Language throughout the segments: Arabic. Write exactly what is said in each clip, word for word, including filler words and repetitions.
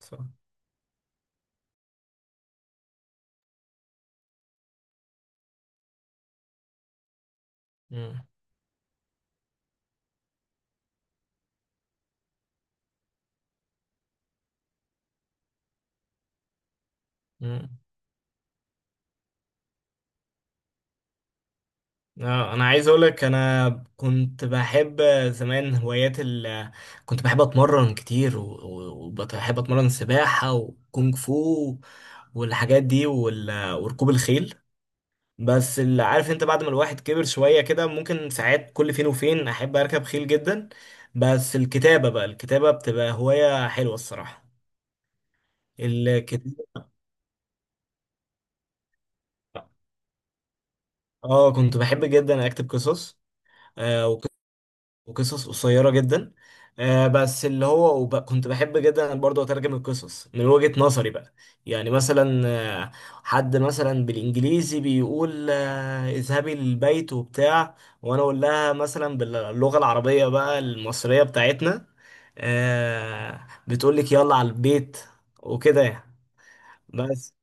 صح. مم. مم. آه، انا عايز اقول لك انا كنت بحب زمان هوايات ال كنت بحب اتمرن كتير و- و- وبحب اتمرن سباحة وكونغ فو والحاجات دي وال- وركوب الخيل. بس اللي عارف انت بعد ما الواحد كبر شوية كده ممكن ساعات كل فين وفين احب اركب خيل جدا. بس الكتابة بقى الكتابة بتبقى هواية حلوة الصراحة. الكتابة. اه كنت بحب جدا اكتب قصص آه، وقصص قصيرة جدا. آه بس اللي هو وب... كنت بحب جدا برضه أترجم القصص من وجهة نظري بقى. يعني مثلا آه، حد مثلا بالإنجليزي بيقول آه، اذهبي للبيت وبتاع، وأنا أقول لها مثلا باللغة العربية بقى المصرية بتاعتنا. آه بتقول لك يلا على البيت، وكده يعني. بس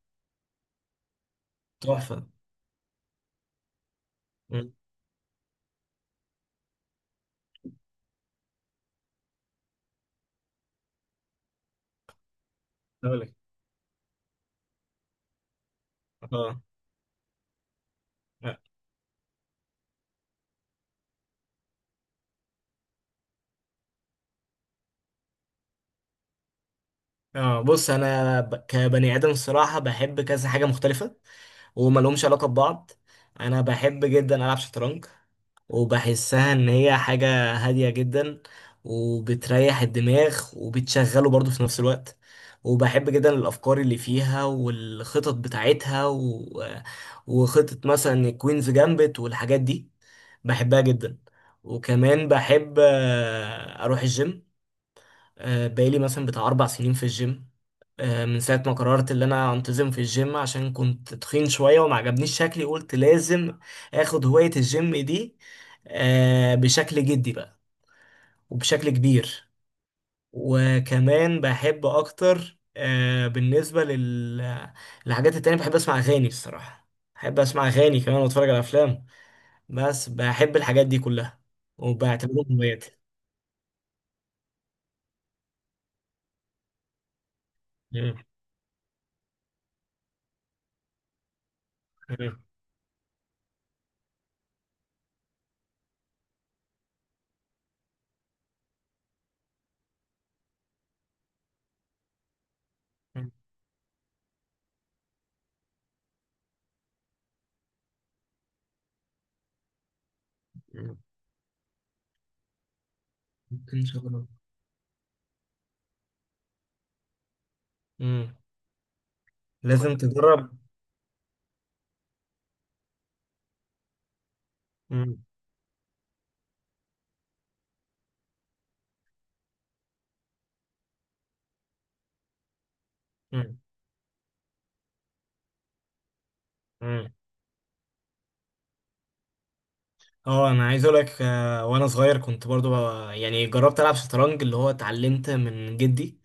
تحفة. مم. أقول لك. اه اه بص انا ب- كبني ادم الصراحه بحب كذا حاجه مختلفه وما لهمش علاقه ببعض. انا بحب جدا العب شطرنج وبحسها ان هي حاجه هاديه جدا، وبتريح الدماغ وبتشغله برضه في نفس الوقت. وبحب جدا الافكار اللي فيها والخطط بتاعتها و... وخطه مثلا كوينز جامبت والحاجات دي، بحبها جدا. وكمان بحب آه، اروح الجيم. آه، بقالي مثلا بتاع أربع سنين في الجيم. آه، من ساعة ما قررت إن أنا أنتظم في الجيم عشان كنت تخين شوية وما عجبنيش شكلي، قلت لازم آخد هواية الجيم دي آه، بشكل جدي بقى وبشكل كبير. وكمان بحب أكتر آه، بالنسبة لل- للحاجات التانية، بحب أسمع أغاني الصراحة. بحب أسمع أغاني كمان وأتفرج على أفلام. بس بحب الحاجات دي كلها وبعتبرهم هواياتي. مم. مم. مم. إن شاء الله. مم. لازم تجرب. مم. مم. مم. اه انا عايز اقول لك آه، وانا صغير كنت برضو ب- يعني جربت العب شطرنج اللي هو اتعلمت من جدي.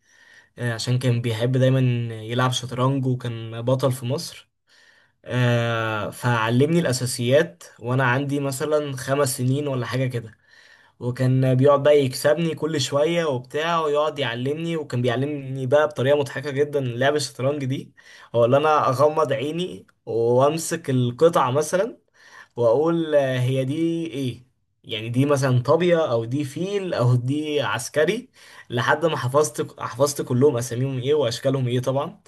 آه، عشان كان بيحب دايما يلعب شطرنج وكان بطل في مصر. آه، فعلمني الاساسيات وانا عندي مثلا خمس سنين ولا حاجة كده. وكان بيقعد بقى يكسبني كل شوية وبتاع ويقعد يعلمني، وكان بيعلمني بقى بطريقة مضحكة جدا لعب الشطرنج دي. هو اللي انا اغمض عيني وامسك القطعة مثلا واقول آه، هي دي ايه، يعني دي مثلا طابية او دي فيل او دي عسكري، لحد ما حفظت حفظت كلهم اساميهم ايه واشكالهم ايه طبعا.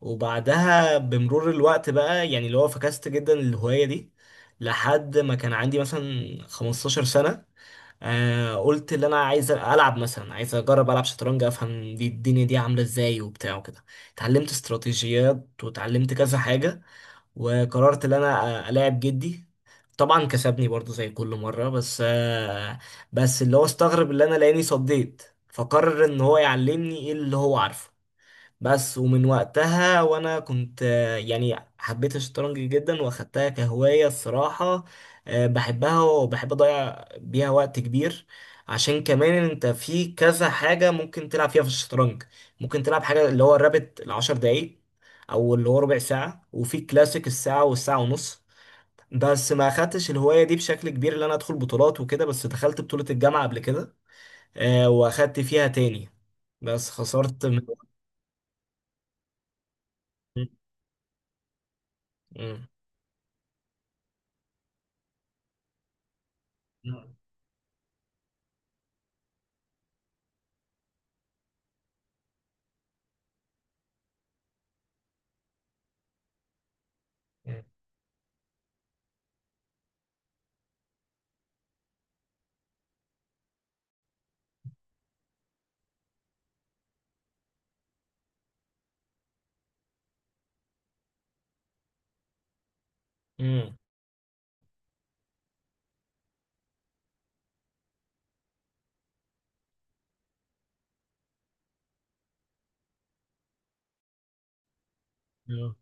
وبعدها بمرور الوقت بقى يعني اللي هو فكست جدا الهواية دي. لحد ما كان عندي مثلا خمستاشر سنة، آه قلت اللي انا عايز العب مثلا، عايز اجرب العب شطرنج افهم دي الدنيا دي عاملة ازاي وبتاع وكده. اتعلمت استراتيجيات وتعلمت كذا حاجة وقررت ان انا الاعب جدي. طبعا كسبني برضو زي كل مرة بس آه، بس اللي هو استغرب اللي انا لاني صديت فقرر ان هو يعلمني ايه اللي هو عارفه. بس ومن وقتها وانا كنت آه، يعني حبيت الشطرنج جدا واخدتها كهواية الصراحة. آه، بحبها وبحب اضيع بيها وقت كبير عشان كمان انت في كذا حاجة ممكن تلعب فيها في الشطرنج. ممكن تلعب حاجة اللي هو الرابط العشر دقايق او اللي هو ربع ساعة، وفي كلاسيك الساعة والساعة ونص. بس ما اخدتش الهواية دي بشكل كبير اللي انا ادخل بطولات وكده، بس دخلت بطولة الجامعة قبل كده آه، واخدت فيها تاني بس خسرت من مم. مم. آه.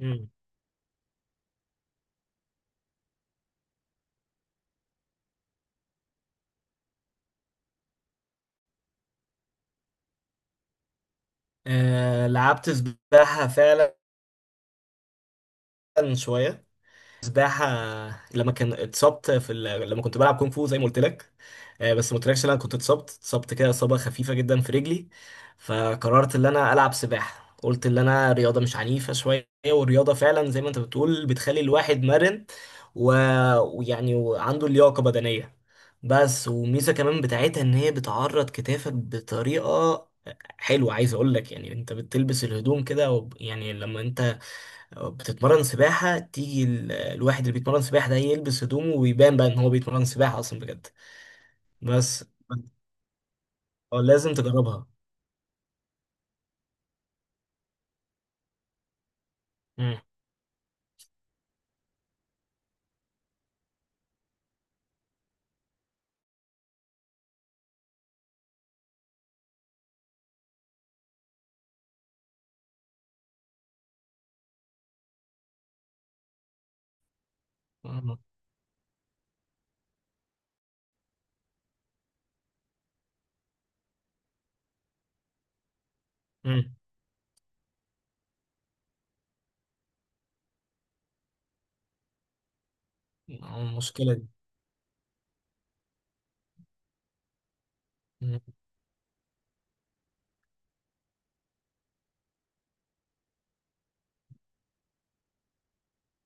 مم. آه لعبت سباحة فعلا، شوية سباحة لما كان اتصبت في ال... لما كنت بلعب كونغ فو زي ما قلت لك. آه، بس ما قلتلكش إن انا كنت اتصبت اتصبت كده اصابة خفيفة جدا في رجلي. فقررت ان انا العب سباحة، قلت ان انا رياضة مش عنيفة شوية، والرياضة فعلا زي ما انت بتقول بتخلي الواحد مرن و... ويعني وعنده لياقة بدنية. بس وميزة كمان بتاعتها ان هي بتعرض كتافك بطريقة حلوة، عايز اقول لك يعني انت بتلبس الهدوم كده وب- يعني لما انت بتتمرن سباحة تيجي ال- الواحد اللي بيتمرن سباحة ده يلبس هدومه ويبان بقى ان هو بيتمرن سباحة اصلا بجد. بس آه، لازم تجربها. مم. مم. مم. المشكلة دي. مم.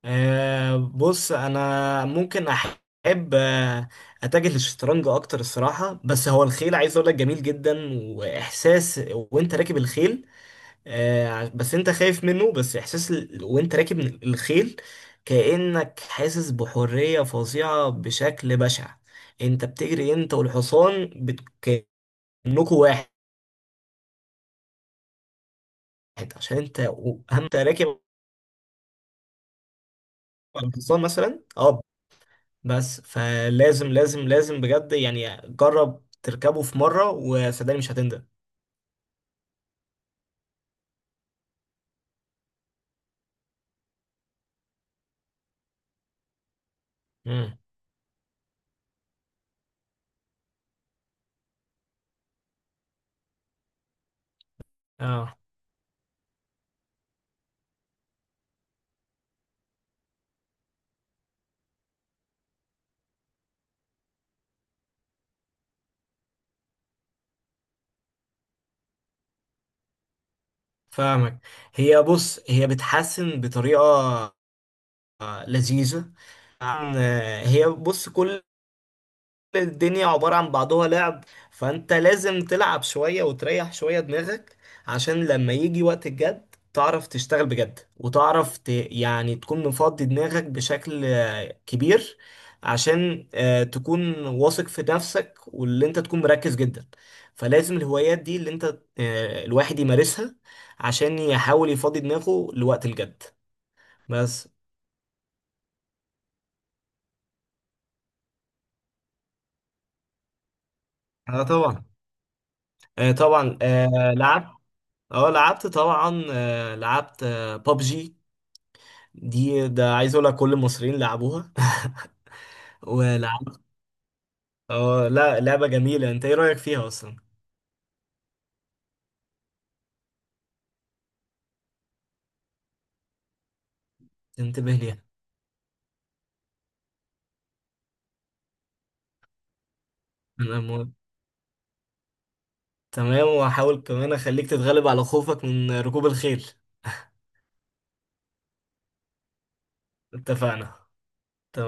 آه بص انا ممكن احب آه، اتجه للشطرنج اكتر الصراحة. بس هو الخيل عايز اقول لك جميل جدا، واحساس وانت راكب الخيل آه، ع- بس انت خايف منه. بس احساس ال... وانت راكب الخيل كأنك حاسس بحرية فظيعة بشكل بشع. انت بتجري انت والحصان بت... كأنكوا واحد، عشان انت و- اهم انت راكب على الحصان مثلا اه بس، فلازم لازم لازم بجد يعني جرب تركبه في مرة وصدقني مش هتندم. مم. اه فاهمك. هي بص هي بتحسن بطريقة آه، لذيذة. عن- آه، هي بص كل الدنيا عبارة عن بعضها لعب، فانت لازم تلعب شوية وتريح شوية دماغك عشان لما يجي وقت الجد تعرف تشتغل بجد، وتعرف ت... يعني تكون مفضي دماغك بشكل آه، كبير عشان آه، تكون واثق في نفسك، واللي انت تكون مركز جدا. فلازم الهوايات دي اللي انت آه، الواحد يمارسها عشان يحاول يفضي دماغه لوقت الجد. بس اه طبعا، آه طبعا آه لعبت، اه لعبت طبعا، آه، لعبت بابجي. دي ده عايز اقول لك كل المصريين لعبوها ولعبت. اه لا، لعبة جميلة. انت ايه رأيك فيها اصلا؟ تنتبه ليها. انا م... تمام وهحاول كمان اخليك تتغلب على خوفك من ركوب الخيل. اتفقنا. تمام.